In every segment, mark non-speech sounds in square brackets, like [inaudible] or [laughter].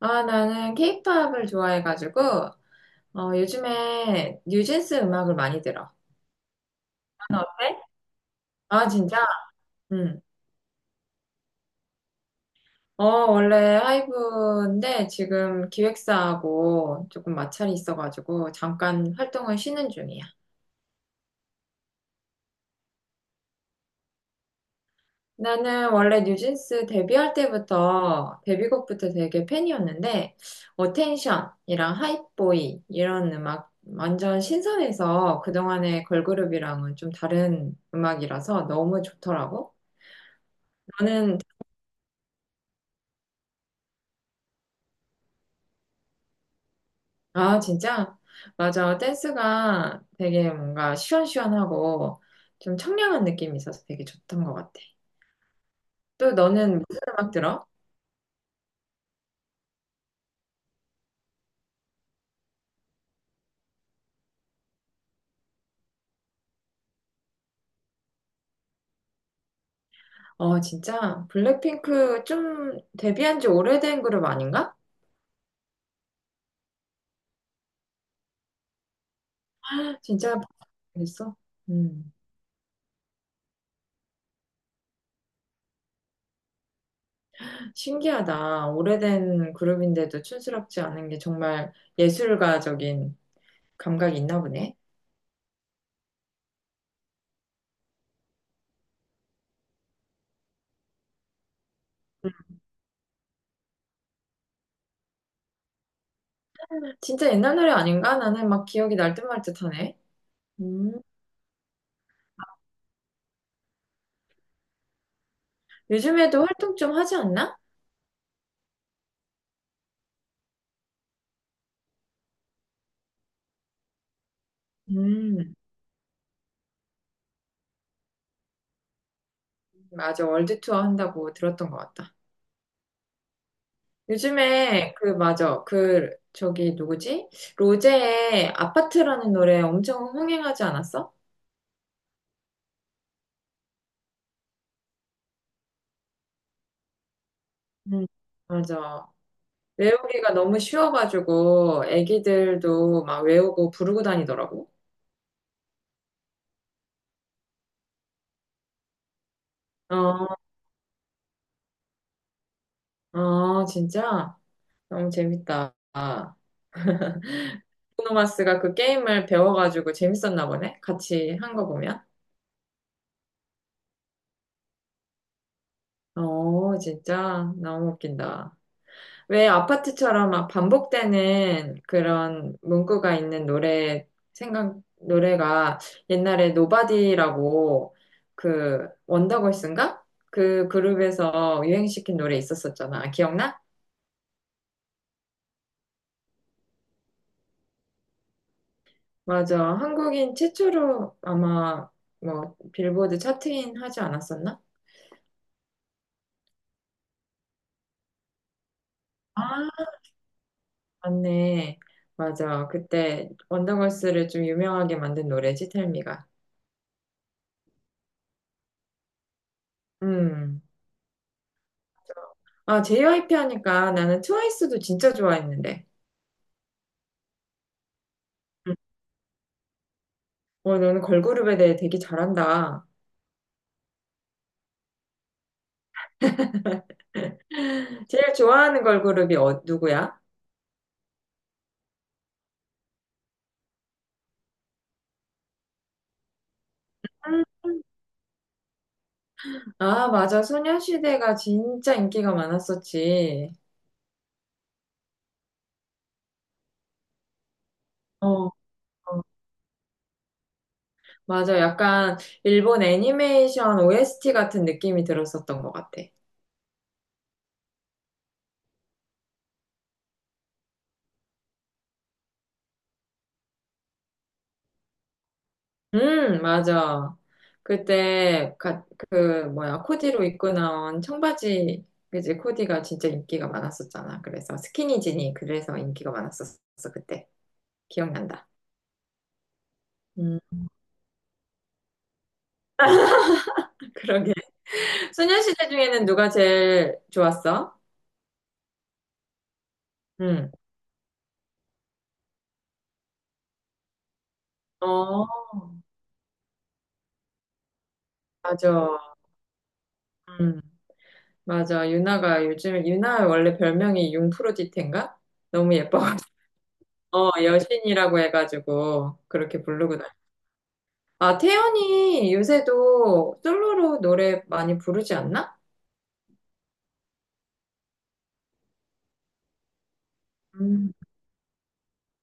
아, 나는 케이팝을 좋아해가지고, 요즘에 뉴진스 음악을 많이 들어. 너는 어때? 아, 진짜? 응. 어, 원래 하이브인데 지금 기획사하고 조금 마찰이 있어가지고 잠깐 활동을 쉬는 중이야. 나는 원래 뉴진스 데뷔할 때부터, 데뷔곡부터 되게 팬이었는데, 어텐션이랑 하이보이 이런 음악 완전 신선해서 그동안의 걸그룹이랑은 좀 다른 음악이라서 너무 좋더라고. 저는, 아, 진짜? 맞아. 댄스가 되게 뭔가 시원시원하고 좀 청량한 느낌이 있어서 되게 좋던 것 같아. 또 너는 무슨 음악 들어? 어, 진짜? 블랙핑크 좀 데뷔한 지 오래된 그룹 아닌가? [gasps] 진짜 됐어? 음, 신기하다. 오래된 그룹인데도 촌스럽지 않은 게 정말 예술가적인 감각이 있나 보네. 진짜 옛날 노래 아닌가? 나는 막 기억이 날듯 말 듯하네. 음, 요즘에도 활동 좀 하지 않나? 음, 맞아. 월드 투어 한다고 들었던 것 같다. 요즘에 그 맞아. 그 저기 누구지? 로제의 아파트라는 노래 엄청 흥행하지 않았어? 음, 맞아. 외우기가 너무 쉬워가지고 애기들도 막 외우고 부르고 다니더라고. 어, 어, 진짜 너무 재밌다. 브루노마스가 그 게임을 배워가지고 재밌었나 보네. 같이 한 거 보면. 어, 진짜 너무 웃긴다. 왜 아파트처럼 막 반복되는 그런 문구가 있는 노래 생각 노래가 옛날에 노바디라고 그 원더걸스인가? 그 그룹에서 유행시킨 노래 있었었잖아. 기억나? 맞아. 한국인 최초로 아마 뭐 빌보드 차트인 하지 않았었나? 아, 맞네. 맞아. 그때 원더걸스를 좀 유명하게 만든 노래지, 텔미가. 음. 아, JYP 하니까 나는 트와이스도 진짜 좋아했는데. 응. 너는 걸그룹에 대해 되게 잘한다. 제일 좋아하는 걸그룹이 누구야? 음, 아, 맞아. 소녀시대가 진짜 인기가 많았었지. 어, 어. 맞아. 약간 일본 애니메이션 OST 같은 느낌이 들었었던 것 같아. 맞아. 그때 그 뭐야 코디로 입고 나온 청바지 그지 코디가 진짜 인기가 많았었잖아. 그래서 스키니진이 그래서 인기가 많았었어 그때 기억난다. 음, [laughs] 그러게. 소녀시대 중에는 누가 제일 좋았어? 음. 어, 맞아. 음, 맞아. 유나가 요즘에 유나 원래 별명이 융프로디테인가? 너무 예뻐가지고 [laughs] 여신이라고 해가지고 그렇게 부르고 아, 태연이 요새도 솔로로 노래 많이 부르지 않나? 음,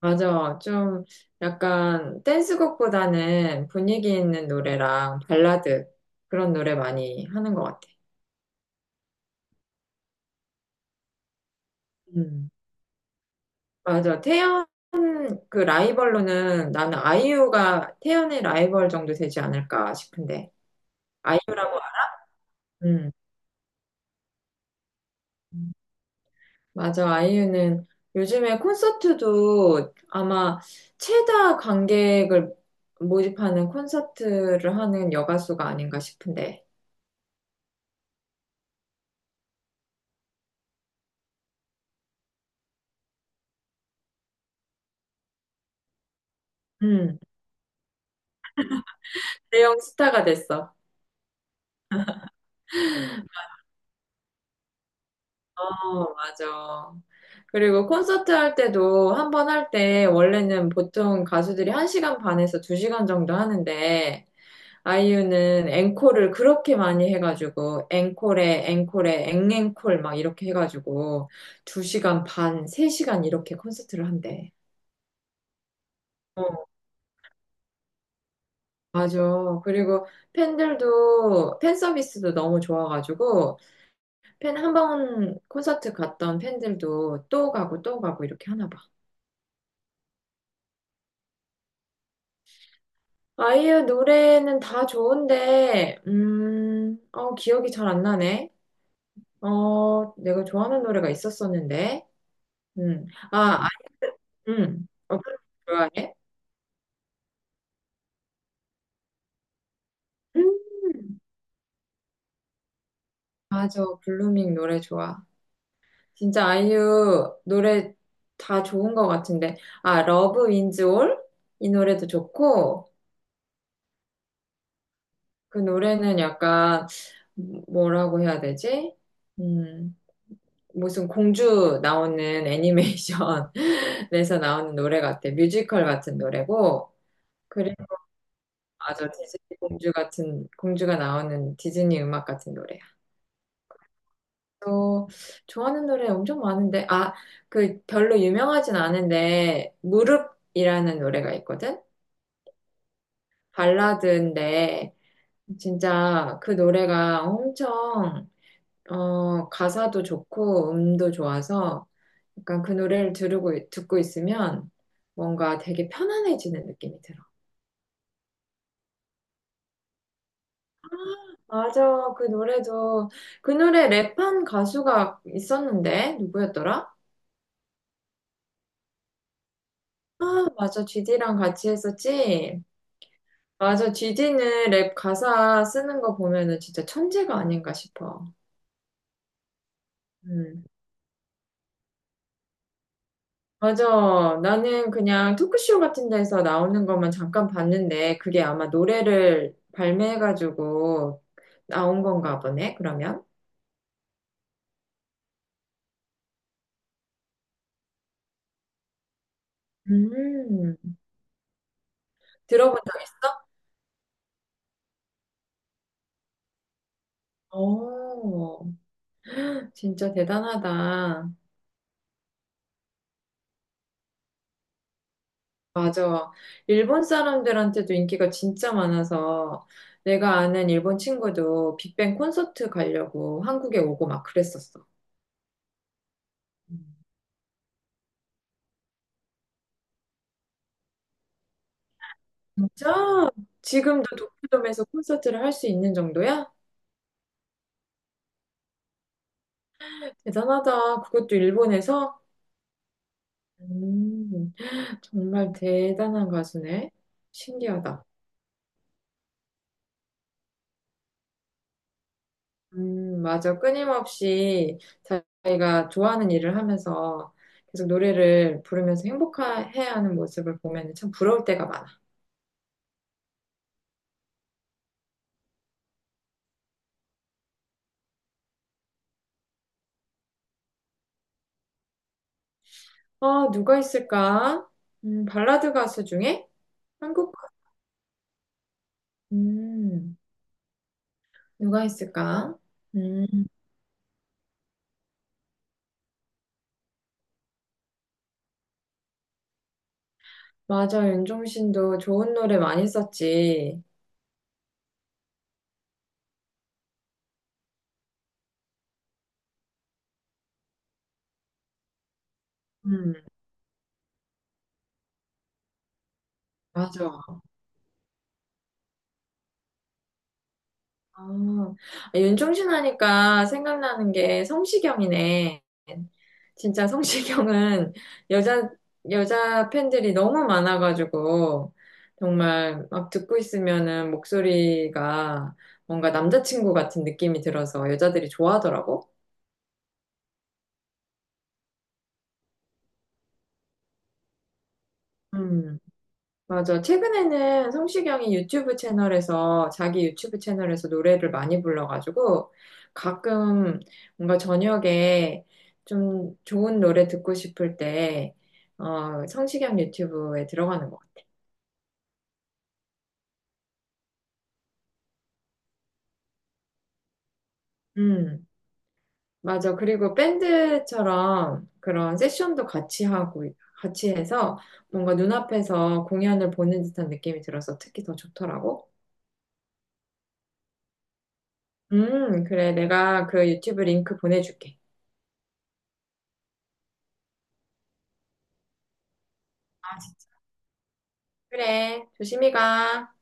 맞아. 좀 약간 댄스곡보다는 분위기 있는 노래랑 발라드 그런 노래 많이 하는 것 같아. 음. 맞아. 태연 그 라이벌로는 나는 아이유가 태연의 라이벌 정도 되지 않을까 싶은데. 아이유라고, 음. 맞아. 아이유는 요즘에 콘서트도 아마 최다 관객을 모집하는 콘서트를 하는 여가수가 아닌가 싶은데. 음, 대형 스타가 됐어. 어, 맞아. 그리고 콘서트 할 때도 한 번 할 때 원래는 보통 가수들이 한 시간 반에서 두 시간 정도 하는데 아이유는 앵콜을 그렇게 많이 해가지고, 앵콜에, 앵콜에, 앵앵콜 막 이렇게 해가지고, 2시간 반, 3시간 이렇게 콘서트를 한대. 어, 맞아. 그리고 팬들도, 팬 서비스도 너무 좋아가지고, 팬 한 번 콘서트 갔던 팬들도 또 가고 또 가고 이렇게 하나 봐. 아이유 노래는 다 좋은데, 기억이 잘 안 나네. 내가 좋아하는 노래가 있었었는데, 아, 응. 블루밍 좋아해? 음, 맞아. 블루밍 노래 좋아. 진짜 아이유 노래 다 좋은 것 같은데. 아, 러브 윈즈 올? 이 노래도 좋고, 그 노래는 약간, 뭐라고 해야 되지? 음, 무슨 공주 나오는 애니메이션에서 [laughs] 나오는 노래 같아. 뮤지컬 같은 노래고, 그래, 맞아. 디즈니 공주 같은, 공주가 나오는 디즈니 음악 같은 노래. 또 좋아하는 노래 엄청 많은데, 아, 그 별로 유명하진 않은데, 무릎이라는 노래가 있거든? 발라드인데, 진짜 그 노래가 엄청, 가사도 좋고, 음도 좋아서, 약간 그 노래를 듣고 있으면 뭔가 되게 편안해지는 느낌이 들어. 맞아, 그 노래도, 그 노래 랩한 가수가 있었는데, 누구였더라? 아, 맞아, GD랑 같이 했었지? 맞아. GD는 랩 가사 쓰는 거 보면은 진짜 천재가 아닌가 싶어. 음. 맞아. 나는 그냥 토크쇼 같은 데서 나오는 것만 잠깐 봤는데 그게 아마 노래를 발매해가지고 나온 건가 보네, 그러면. 음. 들어본 적 있어? 오, 진짜 대단하다. 맞아. 일본 사람들한테도 인기가 진짜 많아서 내가 아는 일본 친구도 빅뱅 콘서트 가려고 한국에 오고 막 그랬었어. 음. 진짜? 지금도 도쿄돔에서 콘서트를 할 수 있는 정도야? 대단하다. 그것도 일본에서? 음, 정말 대단한 가수네. 신기하다. 맞아. 끊임없이 자기가 좋아하는 일을 하면서 계속 노래를 부르면서 행복해야 하는 모습을 보면 참 부러울 때가 많아. 아, 누가 있을까? 발라드 가수 중에 한국, 가- 음, 누가 있을까? 음, 맞아. 윤종신도 좋은 노래 많이 썼지. 음, 맞아. 아, 아, 윤종신 하니까 생각나는 게 성시경이네. 진짜 성시경은 여자, 여자 팬들이 너무 많아가지고, 정말 막 듣고 있으면은 목소리가 뭔가 남자친구 같은 느낌이 들어서 여자들이 좋아하더라고. 음. 맞아. 최근에는 성시경이 유튜브 채널에서, 자기 유튜브 채널에서 노래를 많이 불러가지고, 가끔 뭔가 저녁에 좀 좋은 노래 듣고 싶을 때, 성시경 유튜브에 들어가는 것 같아. 음, 맞아. 그리고 밴드처럼 그런 세션도 같이 하고, 같이 해서 뭔가 눈앞에서 공연을 보는 듯한 느낌이 들어서 특히 더 좋더라고. 그래. 내가 그 유튜브 링크 보내줄게. 아, 그래, 조심히 가.